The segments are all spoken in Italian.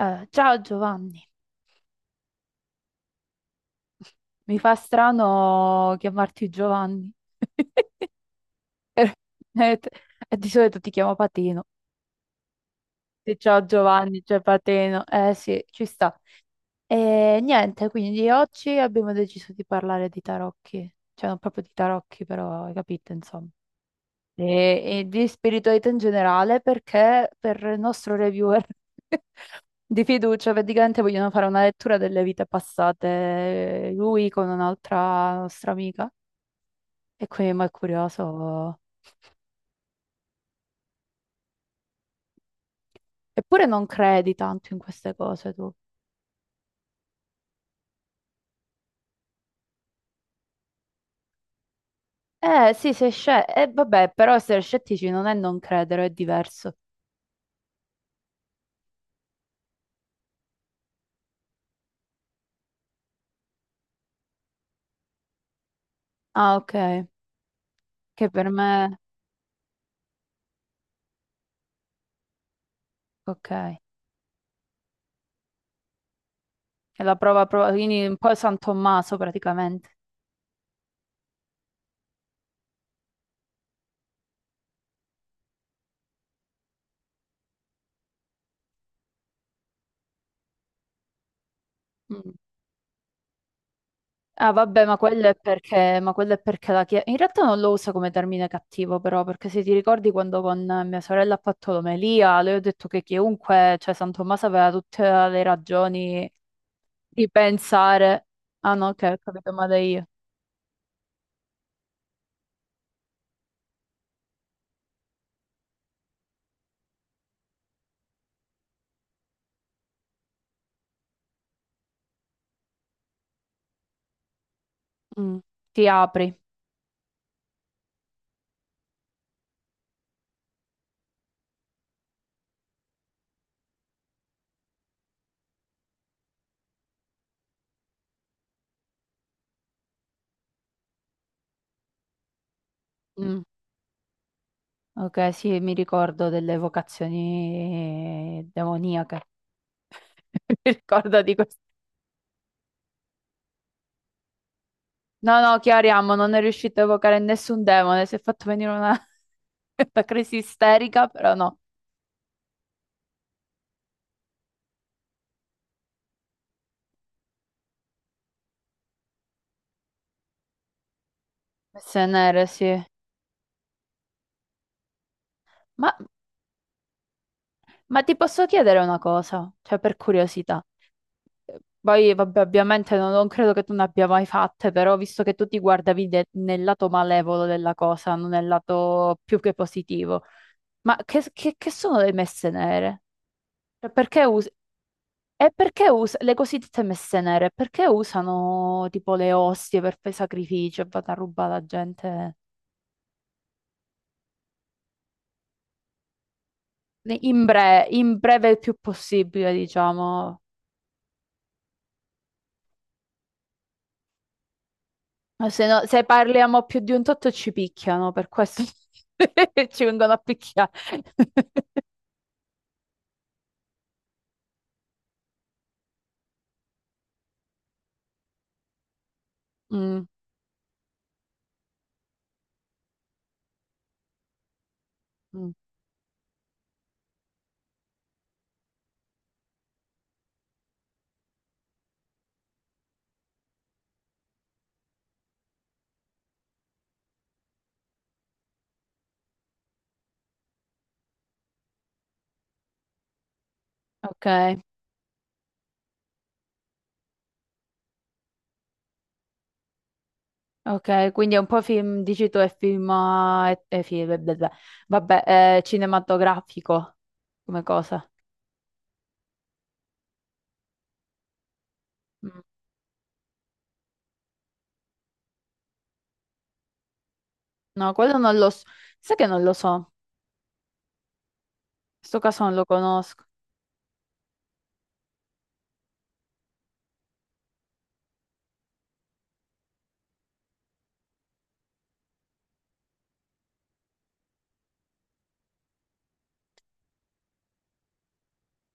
Ciao Giovanni, mi fa strano chiamarti Giovanni. Eh, t- Di solito ti chiamo Patino. Sì, ciao Giovanni, c'è Patino. Eh sì, ci sta. E niente, quindi oggi abbiamo deciso di parlare di tarocchi. Cioè, non proprio di tarocchi, però hai capito, insomma. E di spiritualità in generale, perché per il nostro reviewer di fiducia, praticamente vogliono fare una lettura delle vite passate, lui con un'altra nostra amica. E quindi ma è curioso. Eppure non credi tanto in queste cose tu. Eh sì, sei scettico. Eh vabbè, però essere scettici non è non credere, è diverso. Ah, ok. Che per me... Ok. È la prova... Quindi un po' San Tommaso praticamente. Mm. Ah, vabbè, ma quello è perché la Chiesa... In realtà non lo usa come termine cattivo, però, perché se ti ricordi quando con mia sorella ha fatto l'omelia, le ho detto che chiunque, cioè San Tommaso aveva tutte le ragioni di pensare, ah no, che ho capito male io. Mm, ti apri. Mm, ok, sì, mi ricordo delle vocazioni demoniache. Mi ricordo di questo. No, no, chiariamo, non è riuscito a evocare nessun demone, si è fatto venire una, una crisi isterica, però no. Messe nere, sì. Ma, ma ti posso chiedere una cosa, cioè per curiosità. Poi, vabbè, ovviamente non credo che tu ne abbia mai fatte, però visto che tu ti guardavi de- nel lato malevolo della cosa, non nel lato più che positivo, ma che sono le messe nere? Cioè, perché us- le cosiddette messe nere? Perché usano tipo le ostie per fare sacrificio e vanno a rubare la gente. In breve il più possibile, diciamo. Se parliamo più di un tot ci picchiano, per questo ci vengono a picchiare. Mm, mm. ok, ok, quindi è un po' film, dici tu, è film, film, beh, beh, beh. Vabbè, è cinematografico come cosa. Mm. No, quello non lo so, sai che non lo so, in questo caso non lo conosco.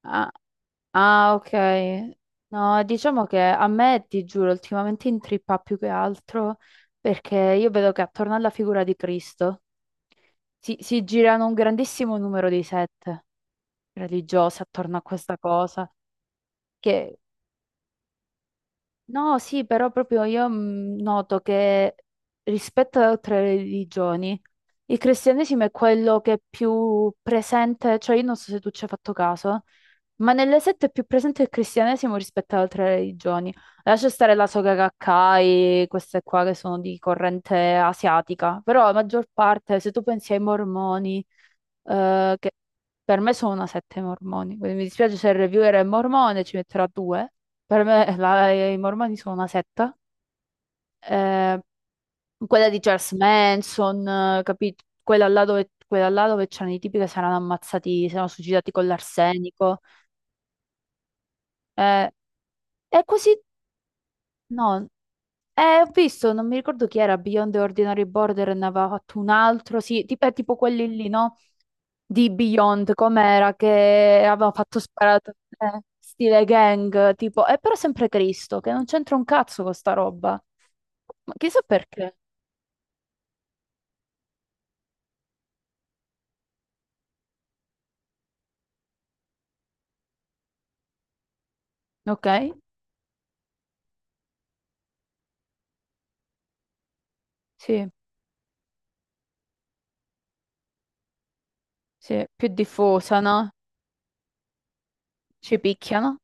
Ah, ah, ok, no, diciamo che a me, ti giuro, ultimamente intrippa più che altro perché io vedo che attorno alla figura di Cristo si girano un grandissimo numero di sette religiose attorno a questa cosa che... No, sì, però proprio io noto che rispetto ad altre religioni, il cristianesimo è quello che è più presente, cioè io non so se tu ci hai fatto caso, ma nelle sette è più presente il cristianesimo rispetto ad altre religioni. Lascia stare la Soga Gakkai, queste qua che sono di corrente asiatica, però la maggior parte, se tu pensi ai mormoni, che per me sono una sette mormoni, quindi mi dispiace se il reviewer è mormone, ci metterà due. Per me la- i Mormoni sono una setta. Eh, quella di Charles Manson, capito? Quella là dove c'erano i tipi che si erano ammazzati, si erano suicidati con l'arsenico. Eh, è così. No, ho visto, non mi ricordo chi era, Beyond the Ordinary Border, ne aveva fatto un altro, sì, tipo, è tipo quelli lì, no? Di Beyond, com'era, che aveva fatto sparato, stile gang, tipo, è però sempre Cristo, che non c'entra un cazzo con sta roba. Ma chissà perché. Ok, sì, sì, più diffusa, no? Ci picchiano.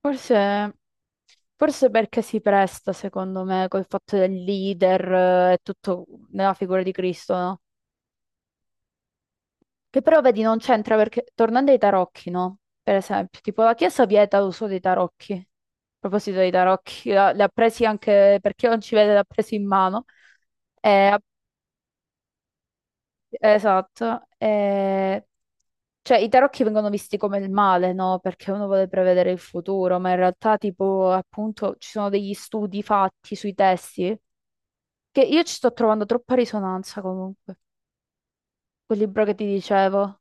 Forse, forse perché si presta, secondo me, col fatto del leader e tutto nella figura di Cristo, no? Che però, vedi, non c'entra perché, tornando ai tarocchi, no? Per esempio, tipo la Chiesa vieta l'uso dei tarocchi. A proposito dei tarocchi, la- li ha presi anche, per chi non ci vede, li ha presi in mano. E esatto, cioè i tarocchi vengono visti come il male, no? Perché uno vuole prevedere il futuro, ma in realtà tipo appunto ci sono degli studi fatti sui testi che io ci sto trovando troppa risonanza comunque, quel libro che ti dicevo.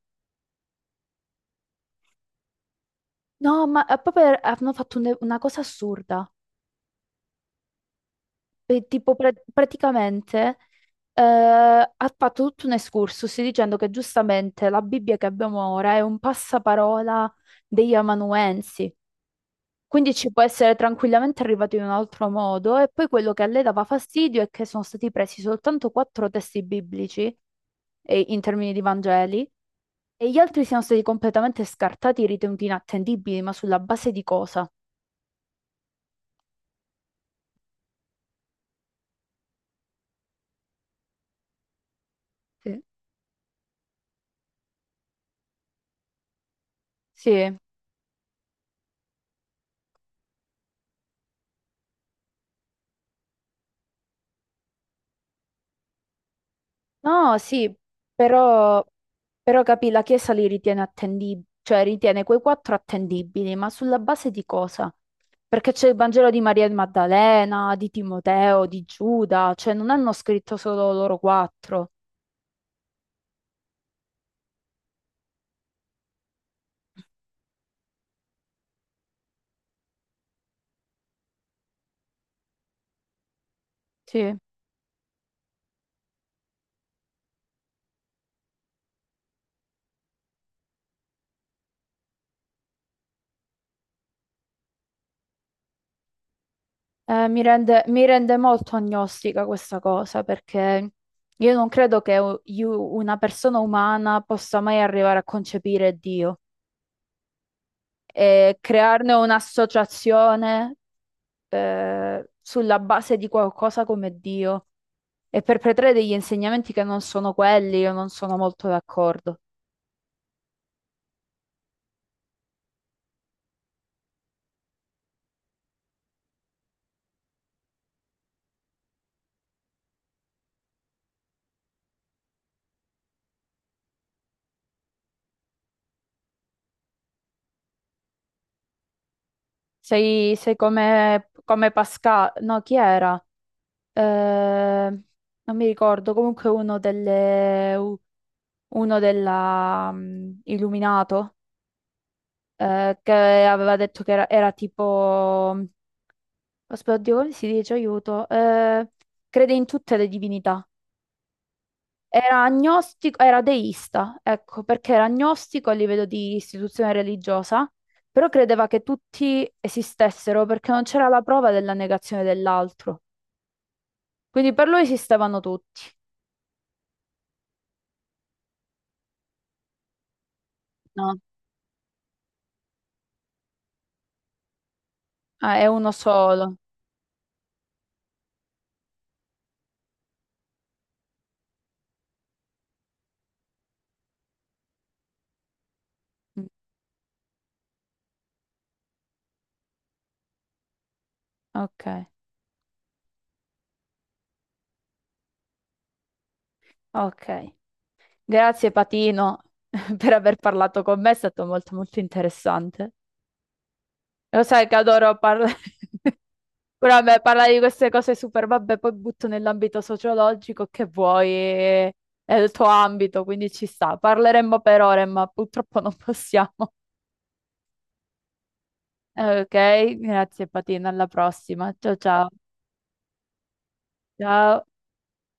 No, ma hanno fatto un- una cosa assurda. E tipo praticamente ha fatto tutto un excursus dicendo che giustamente la Bibbia che abbiamo ora è un passaparola degli amanuensi. Quindi ci può essere tranquillamente arrivato in un altro modo e poi quello che a lei dava fastidio è che sono stati presi soltanto quattro testi biblici e- in termini di Vangeli e gli altri siano stati completamente scartati, ritenuti inattendibili, ma sulla base di cosa? Sì. Sì. No, sì, però, però capì, la Chiesa li ritiene attendibili, cioè ritiene quei quattro attendibili, ma sulla base di cosa? Perché c'è il Vangelo di Maria Maddalena, di Timoteo, di Giuda, cioè non hanno scritto solo loro quattro. Sì, eh, mi rende molto agnostica questa cosa, perché io non credo che una persona umana possa mai arrivare a concepire Dio e crearne un'associazione sulla base di qualcosa come Dio e perpetrare degli insegnamenti che non sono quelli, io non sono molto d'accordo. Sei come, come Pascal, no, chi era? Eh, non mi ricordo, comunque uno della, Illuminato, che aveva detto che era tipo, aspetta, oddio, come si dice, aiuto. Crede in tutte le divinità. Era agnostico, era deista, ecco, perché era agnostico a livello di istituzione religiosa, però credeva che tutti esistessero perché non c'era la prova della negazione dell'altro. Quindi per lui esistevano tutti. No. Ah, è uno solo. Mm, Ok, ok. Grazie Patino per aver parlato con me, è stato molto molto interessante. Lo sai che adoro parlare. Però vabbè, parlare di queste cose super, vabbè, poi butto nell'ambito sociologico che vuoi, è il tuo ambito, quindi ci sta. Parleremmo per ore, ma purtroppo non possiamo. Ok, grazie Patina, alla prossima. Ciao ciao. Ciao.